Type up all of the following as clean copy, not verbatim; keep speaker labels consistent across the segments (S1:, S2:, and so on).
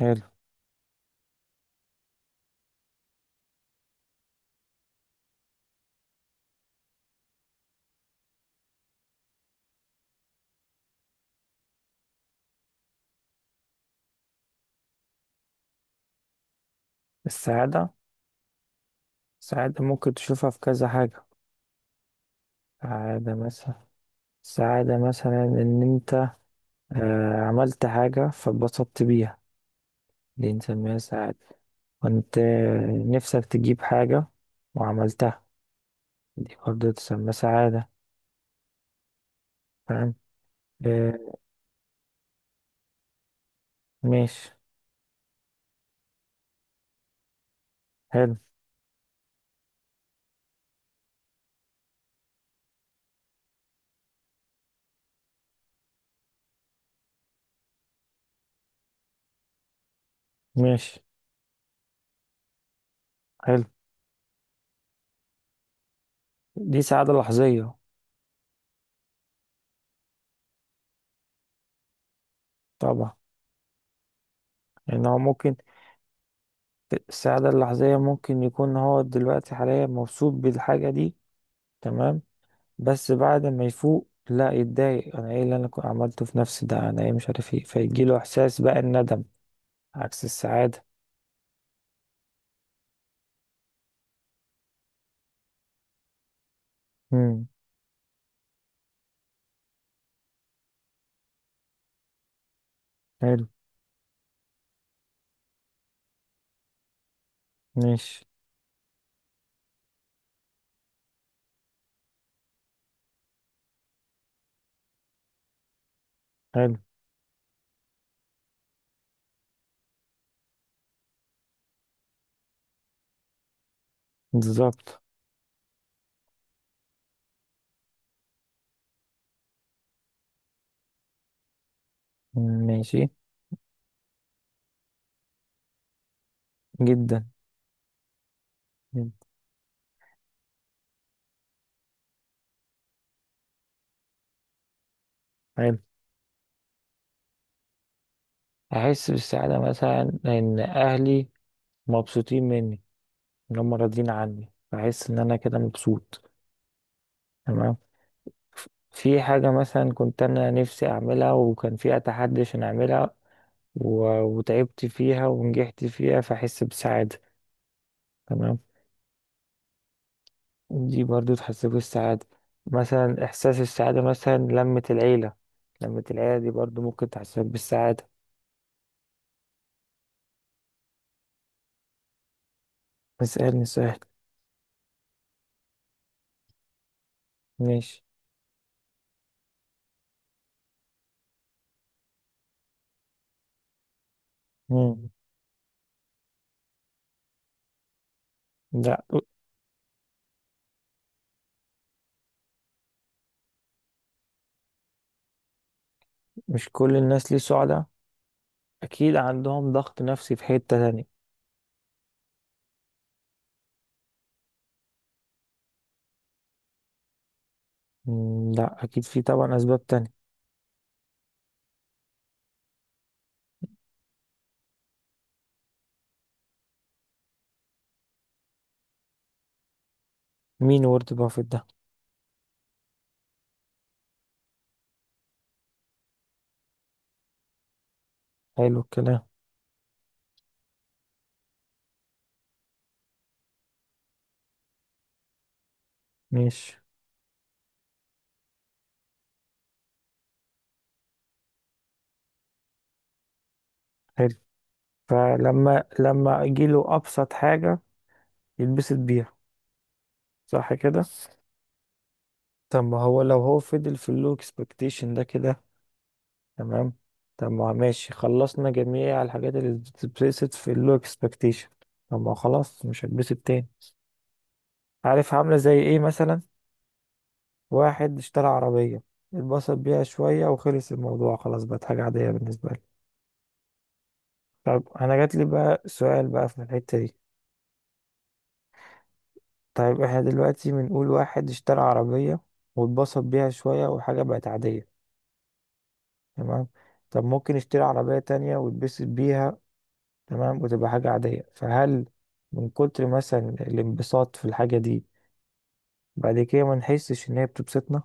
S1: حلو. السعادة السعادة ممكن تشوفها في كذا حاجة. سعادة مثلا سعادة مثلا إن أنت عملت حاجة فاتبسطت بيها. دي نسميها سعادة. وأنت نفسك تجيب حاجة وعملتها، دي برضه تسمى سعادة. فاهم؟ آه، ماشي. حلو. ماشي. حلو. دي سعادة لحظية. طبعا، يعني هو ممكن. السعادة اللحظية ممكن يكون هو دلوقتي حاليا مبسوط بالحاجة دي. تمام. بس بعد ما يفوق لا يتضايق، انا ايه اللي انا كنت عملته في نفسي ده، انا ايه، مش عارف ايه، فيجيله احساس بقى الندم، عكس السعادة. امم. حلو. ماشي. حلو. بالظبط. ماشي. جدا. جدا. حلو. احس بالسعادة مثلا ان اهلي مبسوطين مني، ان هم راضيين عني، بحس ان انا كده مبسوط. تمام. في حاجة مثلا كنت أنا نفسي أعملها وكان في أتحدي عشان أعملها، و- وتعبت فيها ونجحت فيها، فأحس بسعادة. تمام. دي برضو تحسسك بالسعادة. مثلا إحساس السعادة مثلا لمة العيلة، لمة العيلة دي برضو ممكن تحسسك بالسعادة. اسألني سؤال. ماشي. مم. لا، مش كل الناس ليه سعداء. أكيد عندهم ضغط نفسي في حتة تانية. مم. لا، أكيد في طبعا أسباب تانية. مين وورد بافيت ده؟ حلو الكلام. ماشي. حلو. فلما يجيله أبسط حاجة يتبسط بيها. صح كده. طب ما هو لو هو فضل في اللو اكسبكتيشن ده كده، تمام، طب ما ماشي، خلصنا جميع الحاجات اللي بتتبسط في اللو اكسبكتيشن، طب ما خلاص مش هتبسط تاني. عارف عاملة زي ايه؟ مثلا واحد اشترى عربية، اتبسط بيها شوية وخلص الموضوع خلاص، بقت حاجة عادية بالنسبة له. طب أنا جاتلي بقى سؤال بقى في الحتة دي. طيب احنا دلوقتي بنقول واحد اشترى عربية واتبسط بيها شوية، وحاجة بقت عادية. تمام. طب ممكن يشتري عربية تانية ويتبسط بيها، تمام، وتبقى حاجة عادية. فهل من كتر مثلا الانبساط في الحاجة دي، بعد كده ما نحسش إن هي بتبسطنا؟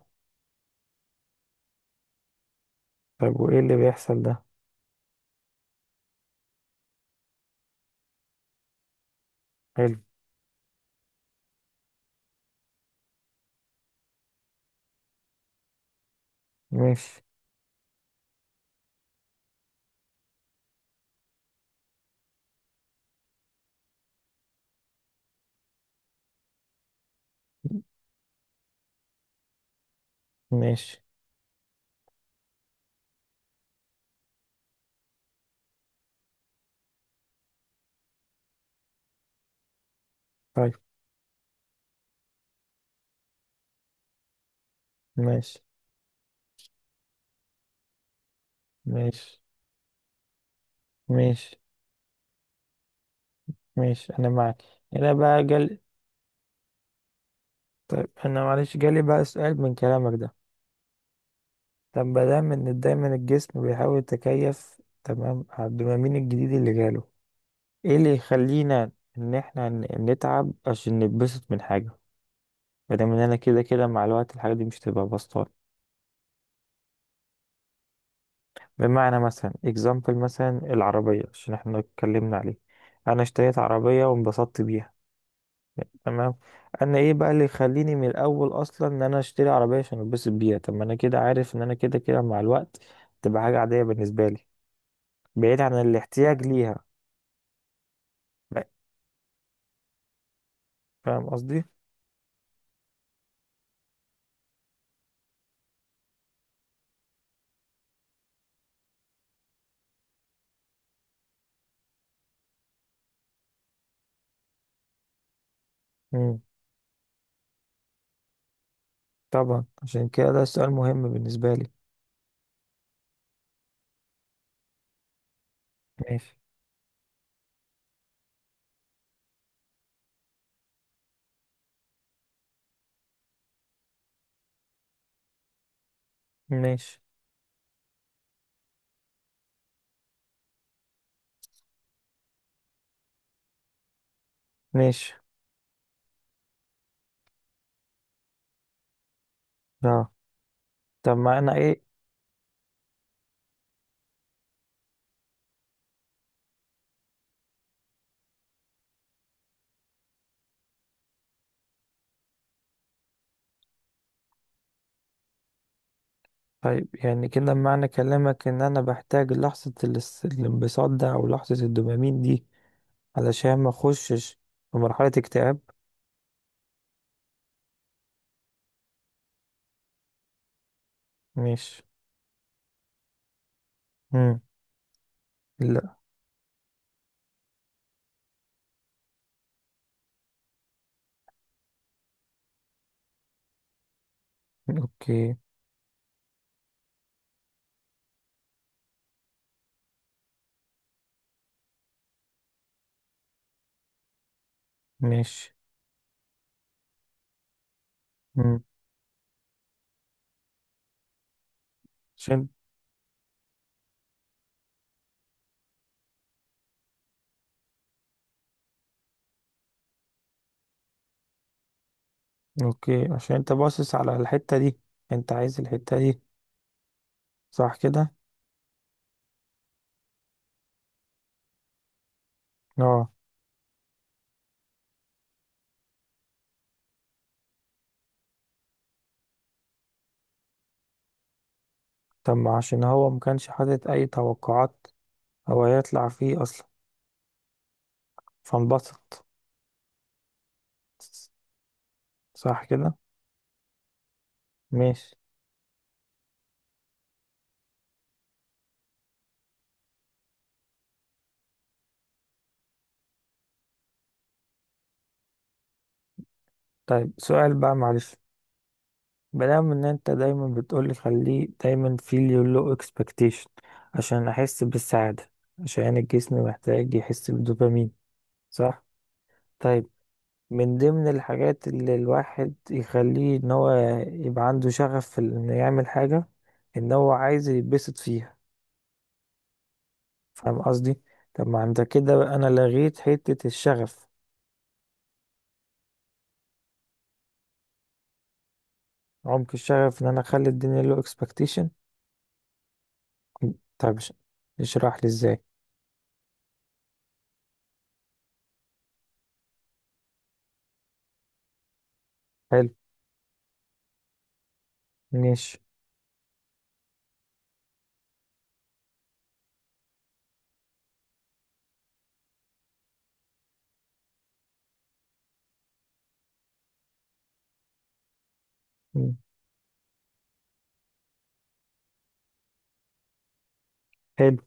S1: طيب وإيه اللي بيحصل ده؟ حلو. ماشي. ماشي. طيب. ماشي. ماشي. ماشي. ماشي، أنا معاك. أنا بقى جال، طيب أنا معلش جالي بقى سؤال من كلامك ده. طب ما دام إن دايما الجسم بيحاول يتكيف تمام على الدوبامين الجديد اللي جاله، إيه اللي يخلينا إن إحنا نتعب عشان نتبسط من حاجة، مادام ان انا كده كده مع الوقت الحاجات دي مش تبقى بسطات؟ بمعنى مثلا اكزامبل، مثلا العربية عشان احنا اتكلمنا عليه، انا اشتريت عربية وانبسطت بيها، تمام، انا ايه بقى اللي يخليني من الاول اصلا ان انا اشتري عربية عشان انبسط بيها؟ طب ما انا كده عارف ان انا كده كده مع الوقت تبقى حاجة عادية بالنسبة لي، بعيد عن الاحتياج ليها. فاهم قصدي؟ مم. طبعا عشان كده ده سؤال مهم بالنسبة لي. ماشي. ماشي. ماشي. اه. طب ما انا ايه. طيب يعني كده معنى كلامك ان انا بحتاج لحظة الانبساط ده او لحظة الدوبامين دي، علشان ما اخشش في مرحلة اكتئاب. ماشي. مم. لا. اوكي. ماشي. مم. عشان. اوكي، عشان انت باصص على الحتة دي، انت عايز الحتة دي. صح كده. اه. طب ما عشان هو مكانش حاطط اي توقعات، هو هيطلع فيه اصلا، فانبسط. صح كده. ماشي. طيب سؤال بقى معلش. بنعمل ان انت دايما بتقولي خليه دايما feel your low expectation عشان احس بالسعادة، عشان الجسم محتاج يحس بالدوبامين. صح. طيب. من ضمن الحاجات اللي الواحد يخليه ان هو يبقى عنده شغف في انه يعمل حاجة، ان هو عايز يتبسط فيها. فاهم قصدي؟ طب ما انت كده بقى انا لغيت حتة الشغف. عمق الشغف ان انا اخلي الدنيا low expectation. طب اشرح لي ازاي. حلو. ماشي. مم. حلو.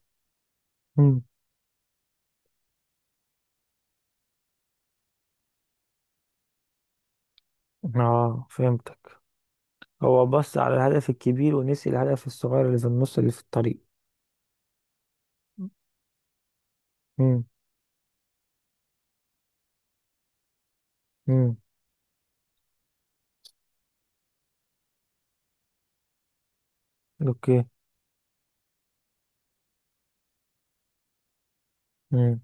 S1: اه فهمتك. هو بص على الهدف الكبير ونسي الهدف الصغير اللي في النص اللي في الطريق. امم. امم. اوكي. امم.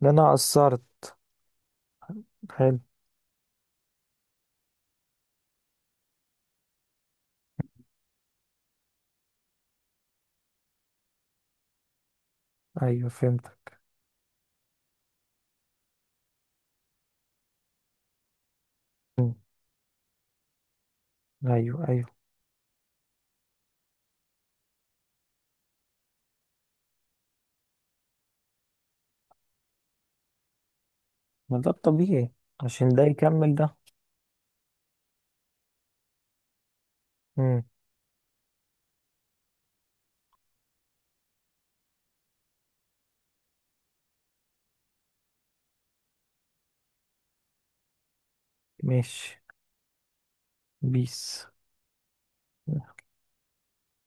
S1: ده انا قصرت. حلو. ايوه فهمتك. مم. ايوه ايوه. ما ده الطبيعي، عشان ده يكمل ده. امم. ماشي. بيس.